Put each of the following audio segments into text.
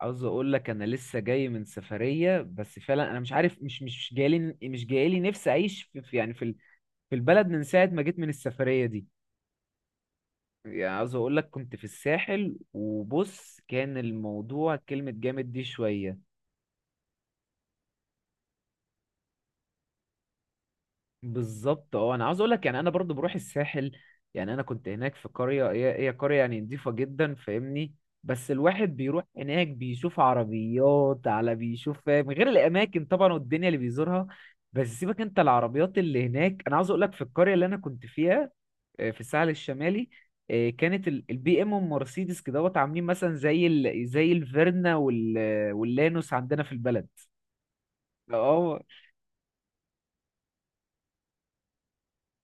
عاوز اقول لك انا لسه جاي من سفريه، بس فعلا انا مش عارف، مش مش مش جايلي مش جايلي نفسي اعيش في البلد من ساعه ما جيت من السفريه دي. يعني عاوز اقول لك، كنت في الساحل وبص كان الموضوع كلمه جامد دي شويه. بالظبط، اه انا عاوز اقول لك يعني انا برضو بروح الساحل. يعني انا كنت هناك في قريه، هي قريه يعني نضيفه جدا، فاهمني. بس الواحد بيروح هناك بيشوف عربيات على بيشوف، فاهم، غير الاماكن طبعا والدنيا اللي بيزورها. بس سيبك انت العربيات اللي هناك، انا عاوز اقول لك في القريه اللي انا كنت فيها. آه، في الساحل الشمالي. آه، كانت البي ام والمرسيدس كدهوت عاملين مثلا زي الفيرنا واللانوس عندنا في البلد. اه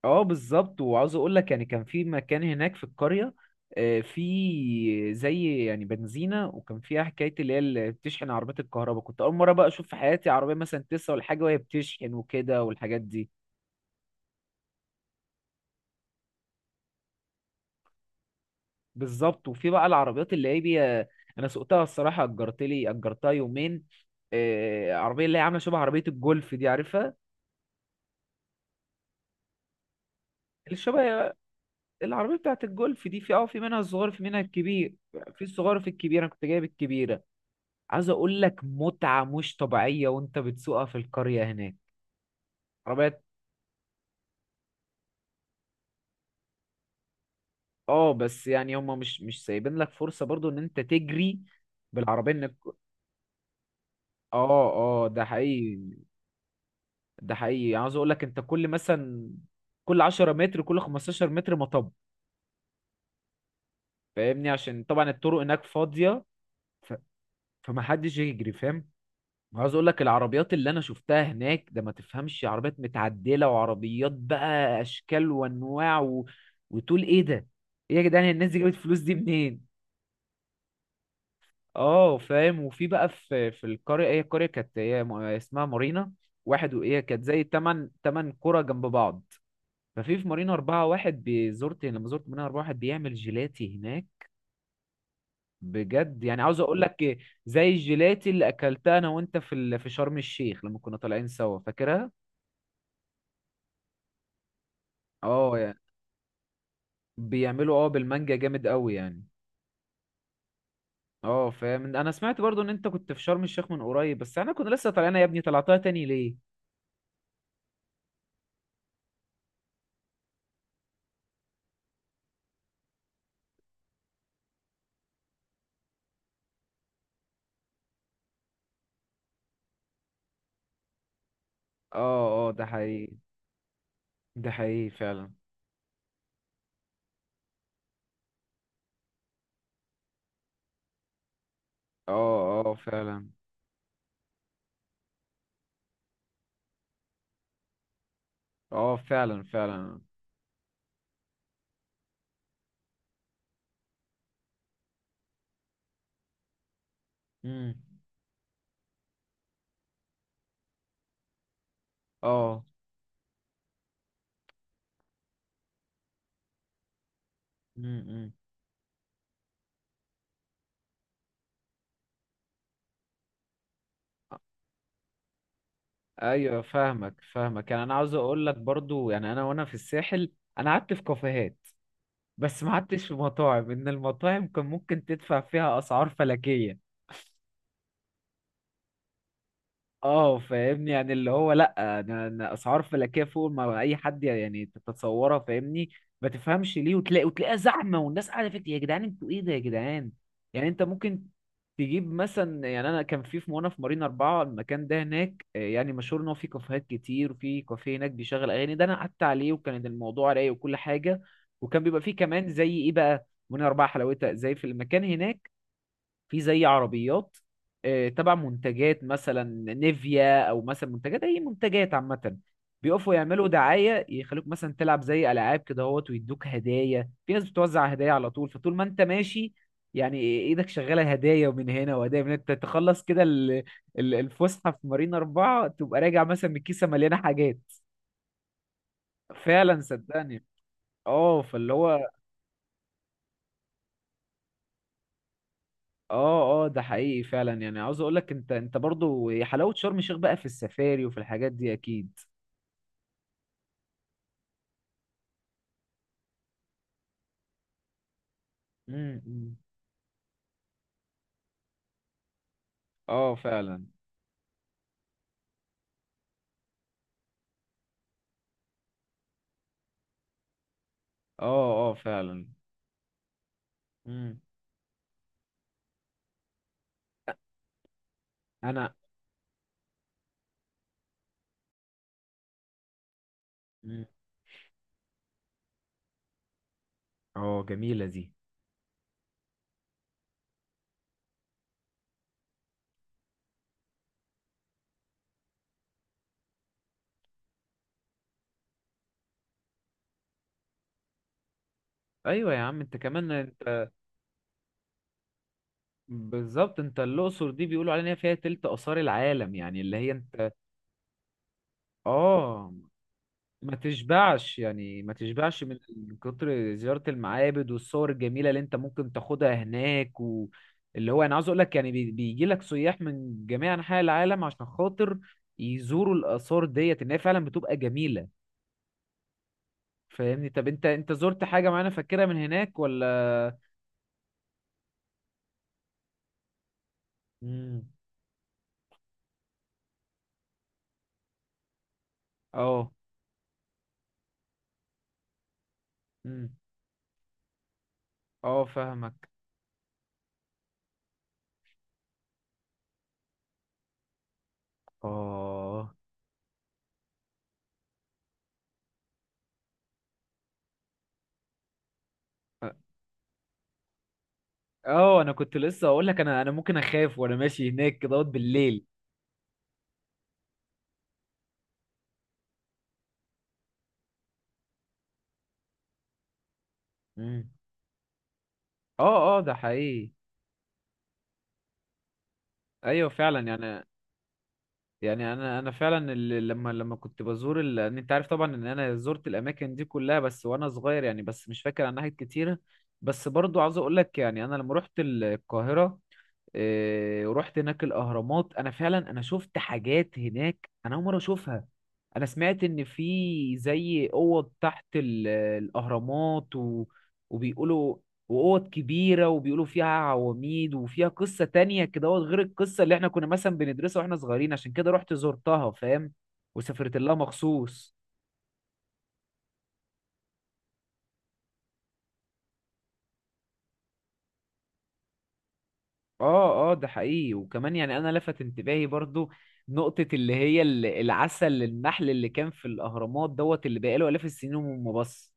اه بالظبط، وعاوز اقول لك يعني كان في مكان هناك في القريه. آه، في زي يعني بنزينه، وكان فيها حكايه اللي هي اللي بتشحن عربيات الكهرباء. كنت اول مره بقى اشوف في حياتي عربيه مثلا تسعة ولا حاجه وهي بتشحن وكده والحاجات دي. بالظبط، وفي بقى العربيات اللي هي انا سوقتها الصراحه، اجرت لي اجرتها يومين. آه، عربيه اللي هي عامله شبه عربيه الجولف دي، عارفها. اللي شبه العربيه بتاعت الجولف دي، في اه في منها الصغير في منها الكبير. في الصغير في الكبير، انا كنت جايب الكبيره. عايز اقول لك متعة مش طبيعية وانت بتسوقها في القرية هناك. عربيات، اه بس يعني هما مش سايبين لك فرصة برضو ان انت تجري بالعربية انك. اه اه ده حقيقي. ده حقيقي يعني عايز اقول لك انت، كل مثلا كل 10 متر كل 15 متر مطب. فاهمني عشان طبعا الطرق هناك فاضية، ف... فمحدش يجري، فاهم. عاوز اقول لك العربيات اللي انا شفتها هناك، ده ما تفهمش عربيات متعدله وعربيات بقى، اشكال وانواع وتقول ايه ده، ايه يا جدعان الناس دي جابت الفلوس دي منين. اه فاهم، وفي بقى في القريه، هي القريه كانت هي اسمها مارينا واحد، وهي كانت زي تمن قرى جنب بعض. ففي مارينا أربعة، واحد بزرت لما زرت مارينا أربعة، واحد بيعمل جيلاتي هناك. بجد يعني عاوز اقول لك، زي الجيلاتي اللي اكلتها انا وانت في في شرم الشيخ لما كنا طالعين سوا، فاكرها. اه بيعملوا اه بالمانجا جامد قوي يعني. اه فاهم، انا سمعت برضو ان انت كنت في شرم الشيخ من قريب، بس انا كنت لسه طالعنا، يا ابني طلعتها تاني ليه؟ اه اه ده حقيقي. ده حقيقي فعلا. اه اه فعلا. اه فعلا فعلا. امم. اه امم. ايوه فاهمك فاهمك، يعني انا عاوز اقول لك برضو يعني انا وانا في الساحل. انا قعدت في كافيهات، بس ما قعدتش في مطاعم، ان المطاعم كان ممكن تدفع فيها اسعار فلكية. اه فاهمني يعني اللي هو، لا أنا اسعار فلكيه فوق ما اي حد يعني تتصورها، فاهمني. ما تفهمش ليه، وتلاقي وتلاقيها زحمه والناس قاعده فيك، يا جدعان انتوا ايه ده، يا جدعان. يعني انت ممكن تجيب مثلا، يعني انا كان في وانا في مارينا اربعه، المكان ده هناك آه، يعني مشهور ان هو في كافيهات كتير، وفي كافيه هناك بيشغل اغاني، ده انا قعدت عليه وكان الموضوع رايق وكل حاجه. وكان بيبقى فيه كمان زي ايه بقى، مارينا اربعه حلاوتها زي في المكان هناك. في زي عربيات آه، تبع منتجات مثلا نيفيا، او مثلا منتجات اي منتجات عامه. بيقفوا يعملوا دعايه يخلوك مثلا تلعب زي العاب كده اهوت، ويدوك هدايا، في ناس بتوزع هدايا على طول، فطول ما انت ماشي. يعني ايدك شغاله هدايا ومن هنا، وهدايا من هنا، انت تخلص كده الفسحه في مارينا اربعه تبقى راجع مثلا من كيسه مليانه حاجات. فعلا صدقني. اه فاللي هو. اه اه ده حقيقي فعلا، يعني عاوز اقول لك انت برضو، هي حلاوة شرم الشيخ بقى في السفاري وفي الحاجات دي اكيد. أمم. اه فعلا. اه اه فعلا. امم. انا أمم. اه جميلة دي. ايوه يا عم، انت كمان انت. بالظبط، انت الاقصر دي بيقولوا علينا فيها تلت اثار العالم، يعني اللي هي انت. اه ما تشبعش يعني ما تشبعش من كتر زيارة المعابد والصور الجميلة اللي انت ممكن تاخدها هناك، واللي هو انا عاوز اقول لك يعني بيجي لك سياح من جميع انحاء العالم عشان خاطر يزوروا الآثار ديت ان هي فعلا بتبقى جميلة. فاهمني، طب انت زرت حاجة معينة فاكرها من هناك ولا؟ امم. اه امم. اه فاهمك. اه اه انا كنت لسه اقول لك، انا ممكن اخاف وانا ماشي هناك كده بالليل. امم. اه اه ده حقيقي. ايوه فعلا يعني يعني. انا فعلا لما كنت بزور إن انت عارف طبعا ان انا زرت الاماكن دي كلها بس وانا صغير، يعني بس مش فاكر عن ناحية كتيرة. بس برضو عاوز اقول لك، يعني انا لما رحت القاهرة، إيه، ورحت هناك الاهرامات، انا فعلا انا شفت حاجات هناك انا اول مره اشوفها. انا سمعت ان في زي اوض تحت الاهرامات وبيقولوا، واوض كبيره وبيقولوا فيها عواميد وفيها قصه تانية كده أهوت، غير القصه اللي احنا كنا مثلا بندرسها واحنا صغيرين عشان كده رحت زرتها، فاهم، وسافرت لها مخصوص. اه اه ده حقيقي، وكمان يعني انا لفت انتباهي برضو نقطة اللي هي العسل النحل اللي كان في الاهرامات دوت اللي بقاله الاف السنين وما بص.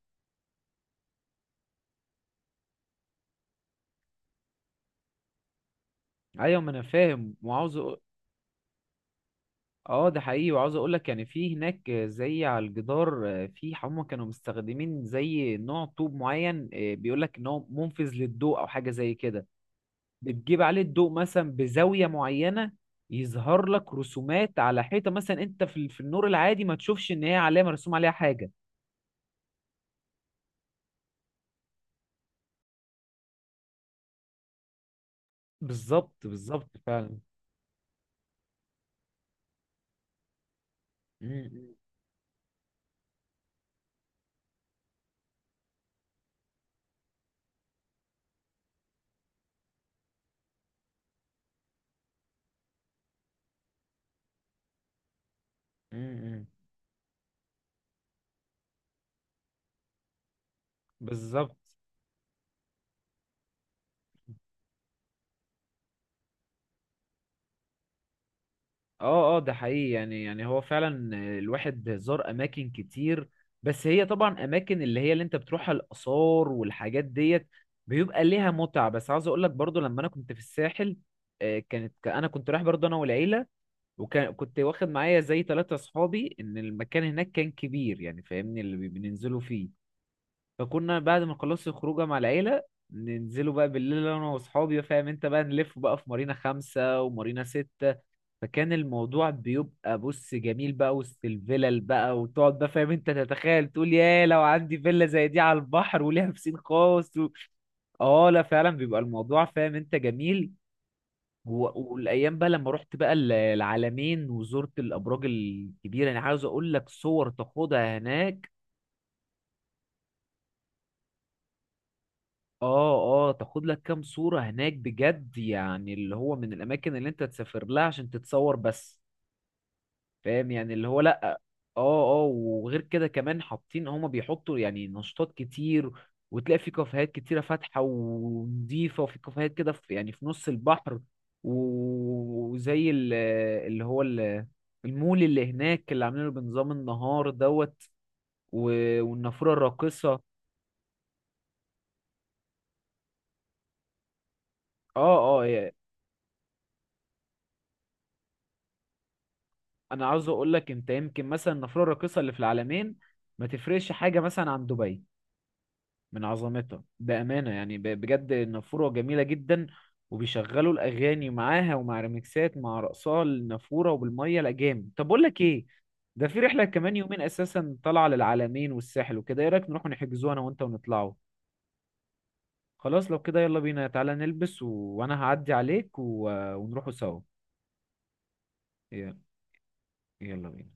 ايوه ما انا فاهم، وعاوز اه ده حقيقي، وعاوز اقول لك يعني في هناك زي على الجدار آه، في هم كانوا مستخدمين زي نوع طوب معين آه، بيقول لك ان هو منفذ للضوء او حاجة زي كده. بتجيب عليه الضوء مثلا بزاوية معينة، يظهر لك رسومات على حيطة مثلا انت في في النور العادي ما تشوفش ان هي علامة مرسوم عليها حاجة. بالظبط بالظبط فعلا. مم، مم، مم. بالظبط. اه اه ده حقيقي، يعني يعني هو فعلا الواحد زار اماكن كتير. بس هي طبعا اماكن اللي هي اللي انت بتروحها الاثار والحاجات ديت بيبقى ليها متعه، بس عاوز اقول لك برضو لما انا كنت في الساحل. آه، كانت انا كنت رايح برضو انا والعيله، وكان كنت واخد معايا زي ثلاثة اصحابي، ان المكان هناك كان كبير يعني فاهمني اللي بننزلوا فيه. فكنا بعد ما خلصت الخروجه مع العيله، ننزلوا بقى بالليل انا واصحابي، فاهم انت بقى نلف بقى في مارينا خمسة ومارينا ستة. فكان الموضوع بيبقى بص جميل بقى وسط الفلل بقى وتقعد بقى، فاهم انت تتخيل تقول يا لو عندي فيلا زي دي على البحر وليها بسين خاص و... اه لا فعلا بيبقى الموضوع فاهم انت جميل. والايام بقى لما رحت بقى العلمين، وزرت الابراج الكبيره، يعني عاوز اقول لك صور تاخدها هناك. اه اه تاخد لك كام صورة هناك بجد، يعني اللي هو من الأماكن اللي أنت تسافر لها عشان تتصور بس، فاهم، يعني اللي هو لأ. اه اه وغير كده كمان حاطين هما بيحطوا يعني نشاطات كتير. وتلاقي في كافيهات كتيرة فاتحة ونضيفة، وفي كافيهات كده في يعني في نص البحر، وزي اللي هو المول اللي هناك اللي عاملينه بنظام النهار دوت، والنافورة الراقصة. اه اه انا عاوز اقول لك انت يمكن مثلا النافوره الراقصه اللي في العالمين ما تفرقش حاجه مثلا عن دبي، من عظمتها بامانه يعني، بجد النافوره جميله جدا. وبيشغلوا الاغاني معاها ومع ريمكسات مع رقصها النافوره وبالميه، لا جامد، طب اقول لك ايه؟ ده في رحله كمان يومين اساسا طالعه للعالمين والساحل وكده، ايه رايك نروح نحجزوها انا وانت ونطلعوا. خلاص لو كده يلا بينا، تعالى نلبس و... وانا هعدي عليك و... ونروحوا سوا. يلا. يلا بينا.